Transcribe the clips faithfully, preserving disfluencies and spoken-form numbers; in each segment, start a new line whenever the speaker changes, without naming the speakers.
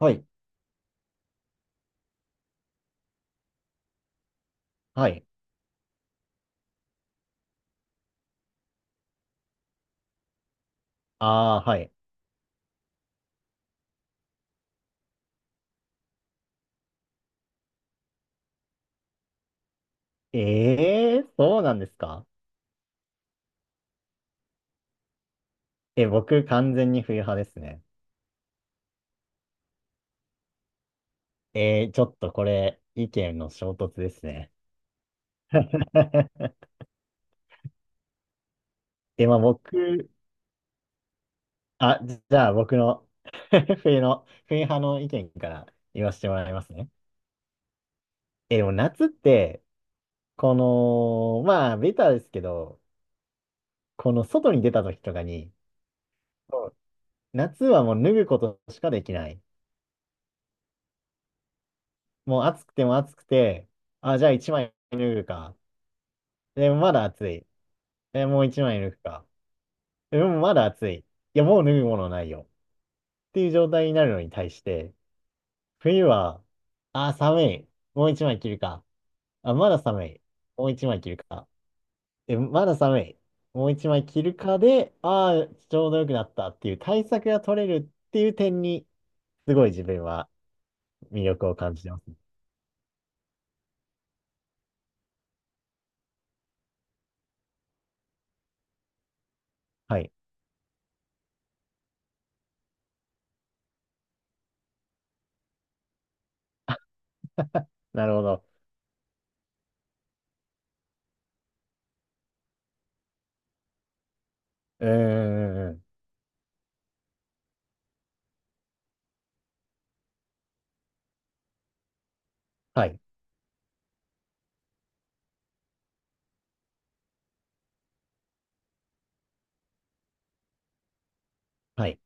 はい。はい。ああ、はい。ええー、そうなんですか？え、僕完全に冬派ですね。えー、ちょっとこれ、意見の衝突ですね。え、まあ僕、あ、じじゃあ僕の 冬の、冬派の意見から言わせてもらいますね。え、でも夏って、この、まあ、ベタですけど、この外に出た時とかに、そう夏はもう脱ぐことしかできない。もう暑くても暑くて、あ、じゃあ一枚脱ぐか。でもまだ暑い。え、もう一枚抜くか。でもまだ暑い。いや、もう脱ぐものないよ。っていう状態になるのに対して、冬は、あー、寒い。もう一枚着るか。あ、まだ寒い。もう一枚着るか。え、まだ寒い。もう一枚着るかで、あーちょうど良くなったっていう対策が取れるっていう点に、すごい自分は魅力を感じてます。はい。なるほど。うーん。はい。はい。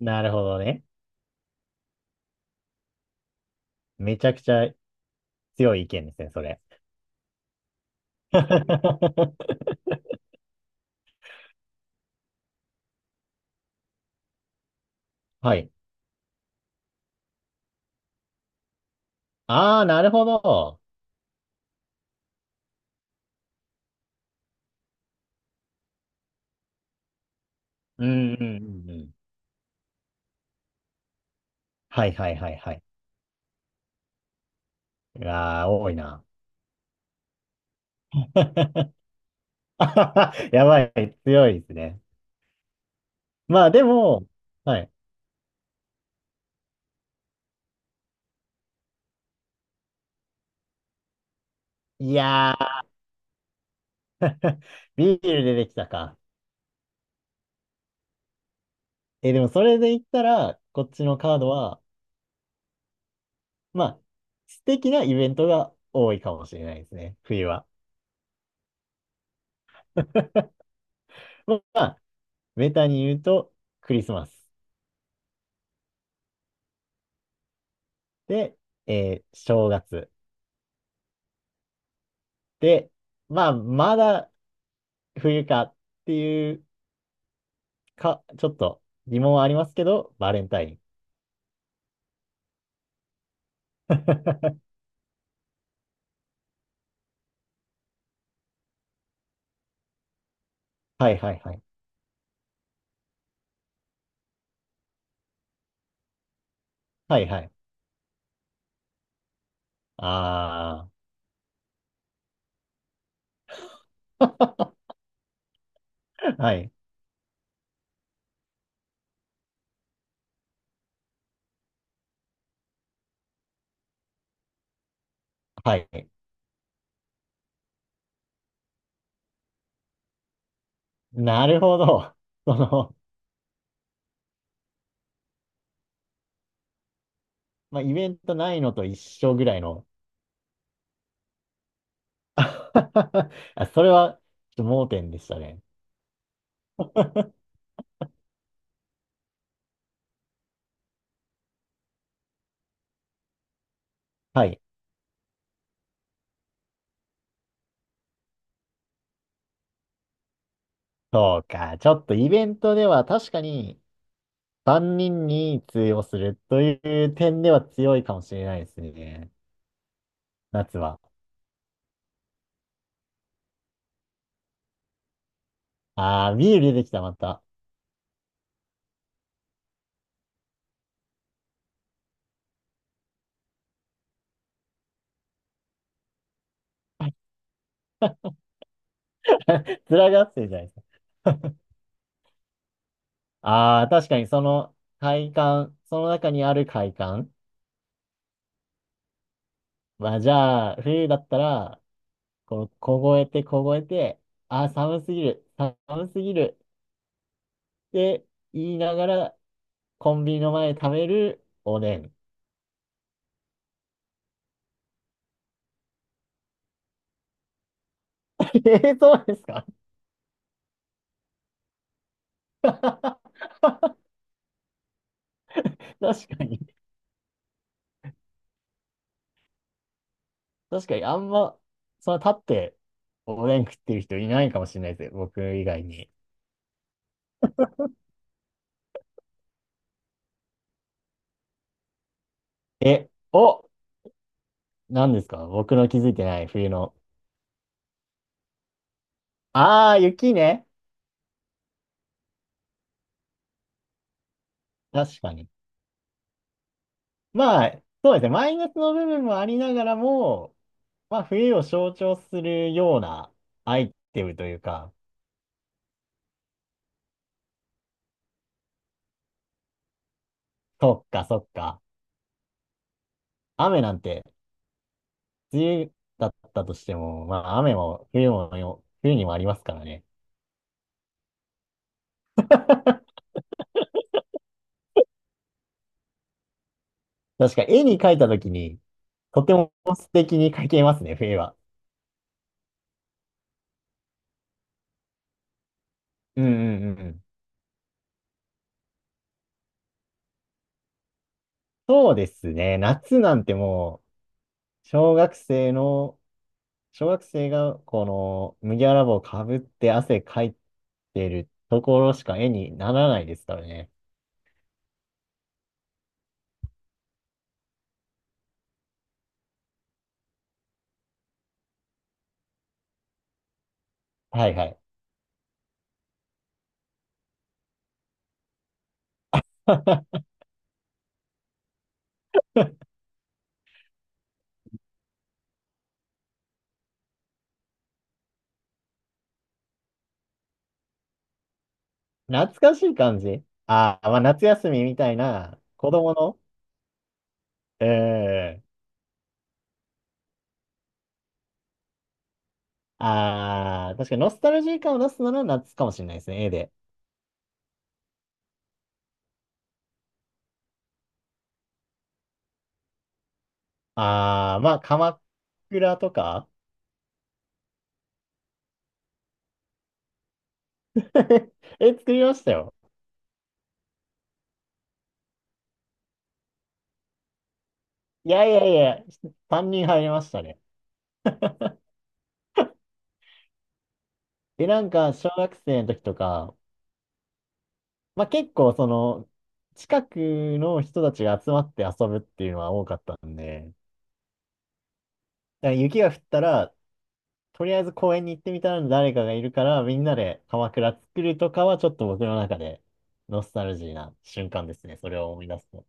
なるほどね。めちゃくちゃ強い意見ですね、それ。はい。ああ、なるほど。うんうんうんうん。はいはいはいはい。うわあ、多いな。やばい、強いですね。まあでも、はい。いやー、ビール出てきたか。え、でもそれで言ったら、こっちのカードは、まあ、素敵なイベントが多いかもしれないですね、冬は。まあ、ベタに言うと、クリスマス。で、えー正月。で、まあ、まだ冬かっていうか、ちょっと疑問はありますけど、バレンタイン。はいはいはい。はいはい。ああ。はい。はい。なるほど。その、まあ、イベントないのと一緒ぐらいの。あ、それは、ちょっと盲点でしたね。はい。そうか。ちょっとイベントでは確かに万人にんに通用するという点では強いかもしれないですね。夏は。ああ、ビール出てきた、また。面がってるじゃないですか。ああ、確かにその快感、その中にある快感。まあじゃあ、冬だったら、こう、凍えて凍えて、ああ、寒すぎる、寒すぎるって言いながら、コンビニの前で食べるおでん。えー、そうですか？ 確かに。確かに、あんま、その立っておでん食ってる人いないかもしれないですよ。僕以外に。え、お、何ですか僕の気づいてない冬の？ああ、雪ね。確かに。まあ、そうですね。マイナスの部分もありながらも、まあ、冬を象徴するようなアイテムというか、そっかそっか。雨なんて、梅雨だったとしても、まあ、雨も冬もよ、冬にもありますからね。確か、絵に描いたときに、とても素敵に描けますね、冬は。うんうんうんうん。そうですね。夏なんてもう、小学生の小学生がこの麦わら帽をかぶって汗かいてるところしか絵にならないですからね。はいはい。懐かしい感じ、ああー、まあ夏休みみたいな子供の、ええ、ああー、確かにノスタルジー感を出すなら夏かもしれないですね、絵で。ああ、まあ鎌倉とか 絵作りましたよ。いやいやいや、さんにん入りましたね。で、なんか小学生の時とか、まあ結構その、近くの人たちが集まって遊ぶっていうのは多かったんで、だから雪が降ったら、とりあえず公園に行ってみたら誰かがいるから、みんなで鎌倉作るとかはちょっと僕の中でノスタルジーな瞬間ですね。それを思い出すと。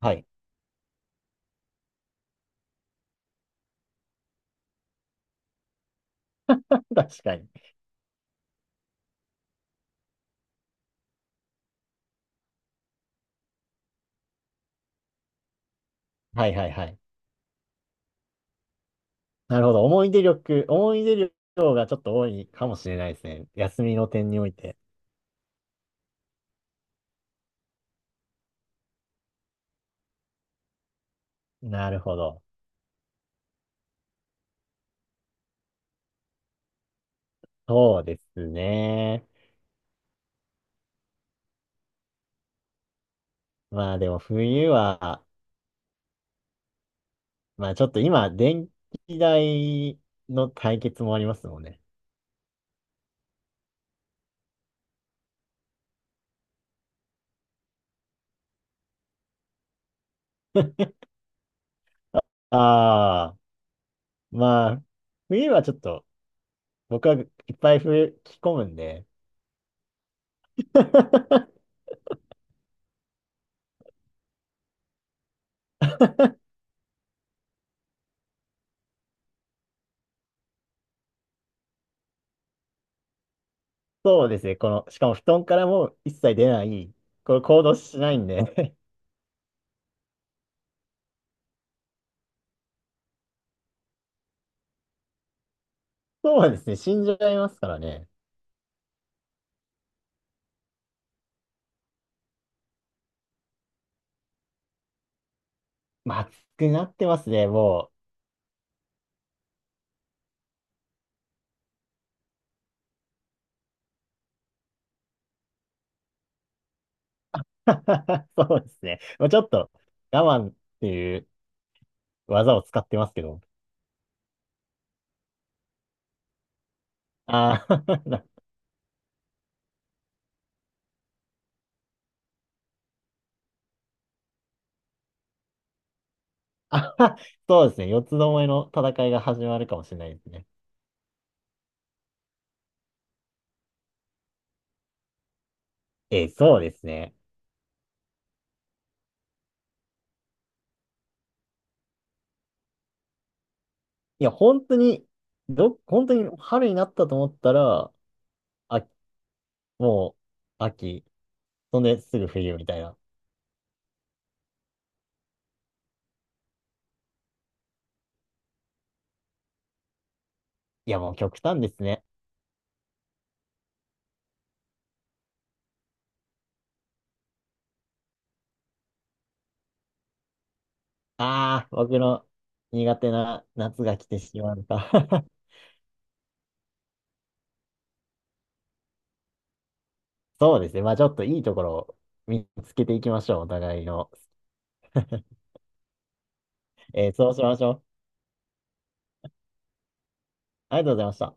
はい。確かに。はいはいはい。なるほど。思い出力、思い出力がちょっと多いかもしれないですね。休みの点において。なるほど。そうですね。まあでも冬は、まあちょっと今、電気代の対決もありますもんね。ああ、まあ、冬はちょっと、僕はいっぱい冬着込むんで、そうですね、この、しかも布団からもう一切出ない、これ行動しないんで、そうですね、死んじゃいますからね。まあ、暑くなってますね、もう。そうですね。まあ、ちょっと、我慢っていう技を使ってますけど。ああ、あ、そうですね。四つどもえの戦いが始まるかもしれないですね。えー、そうですね。いや、本当に、ど、本当に春になったと思ったら、あ、もう、秋。そんですぐ冬みたいな。いや、もう極端ですね。ああ、僕の苦手な夏が来てしまった。そうですね。まあちょっといいところを見つけていきましょう。お互いの。えーそうしましょう。ありがとうございました。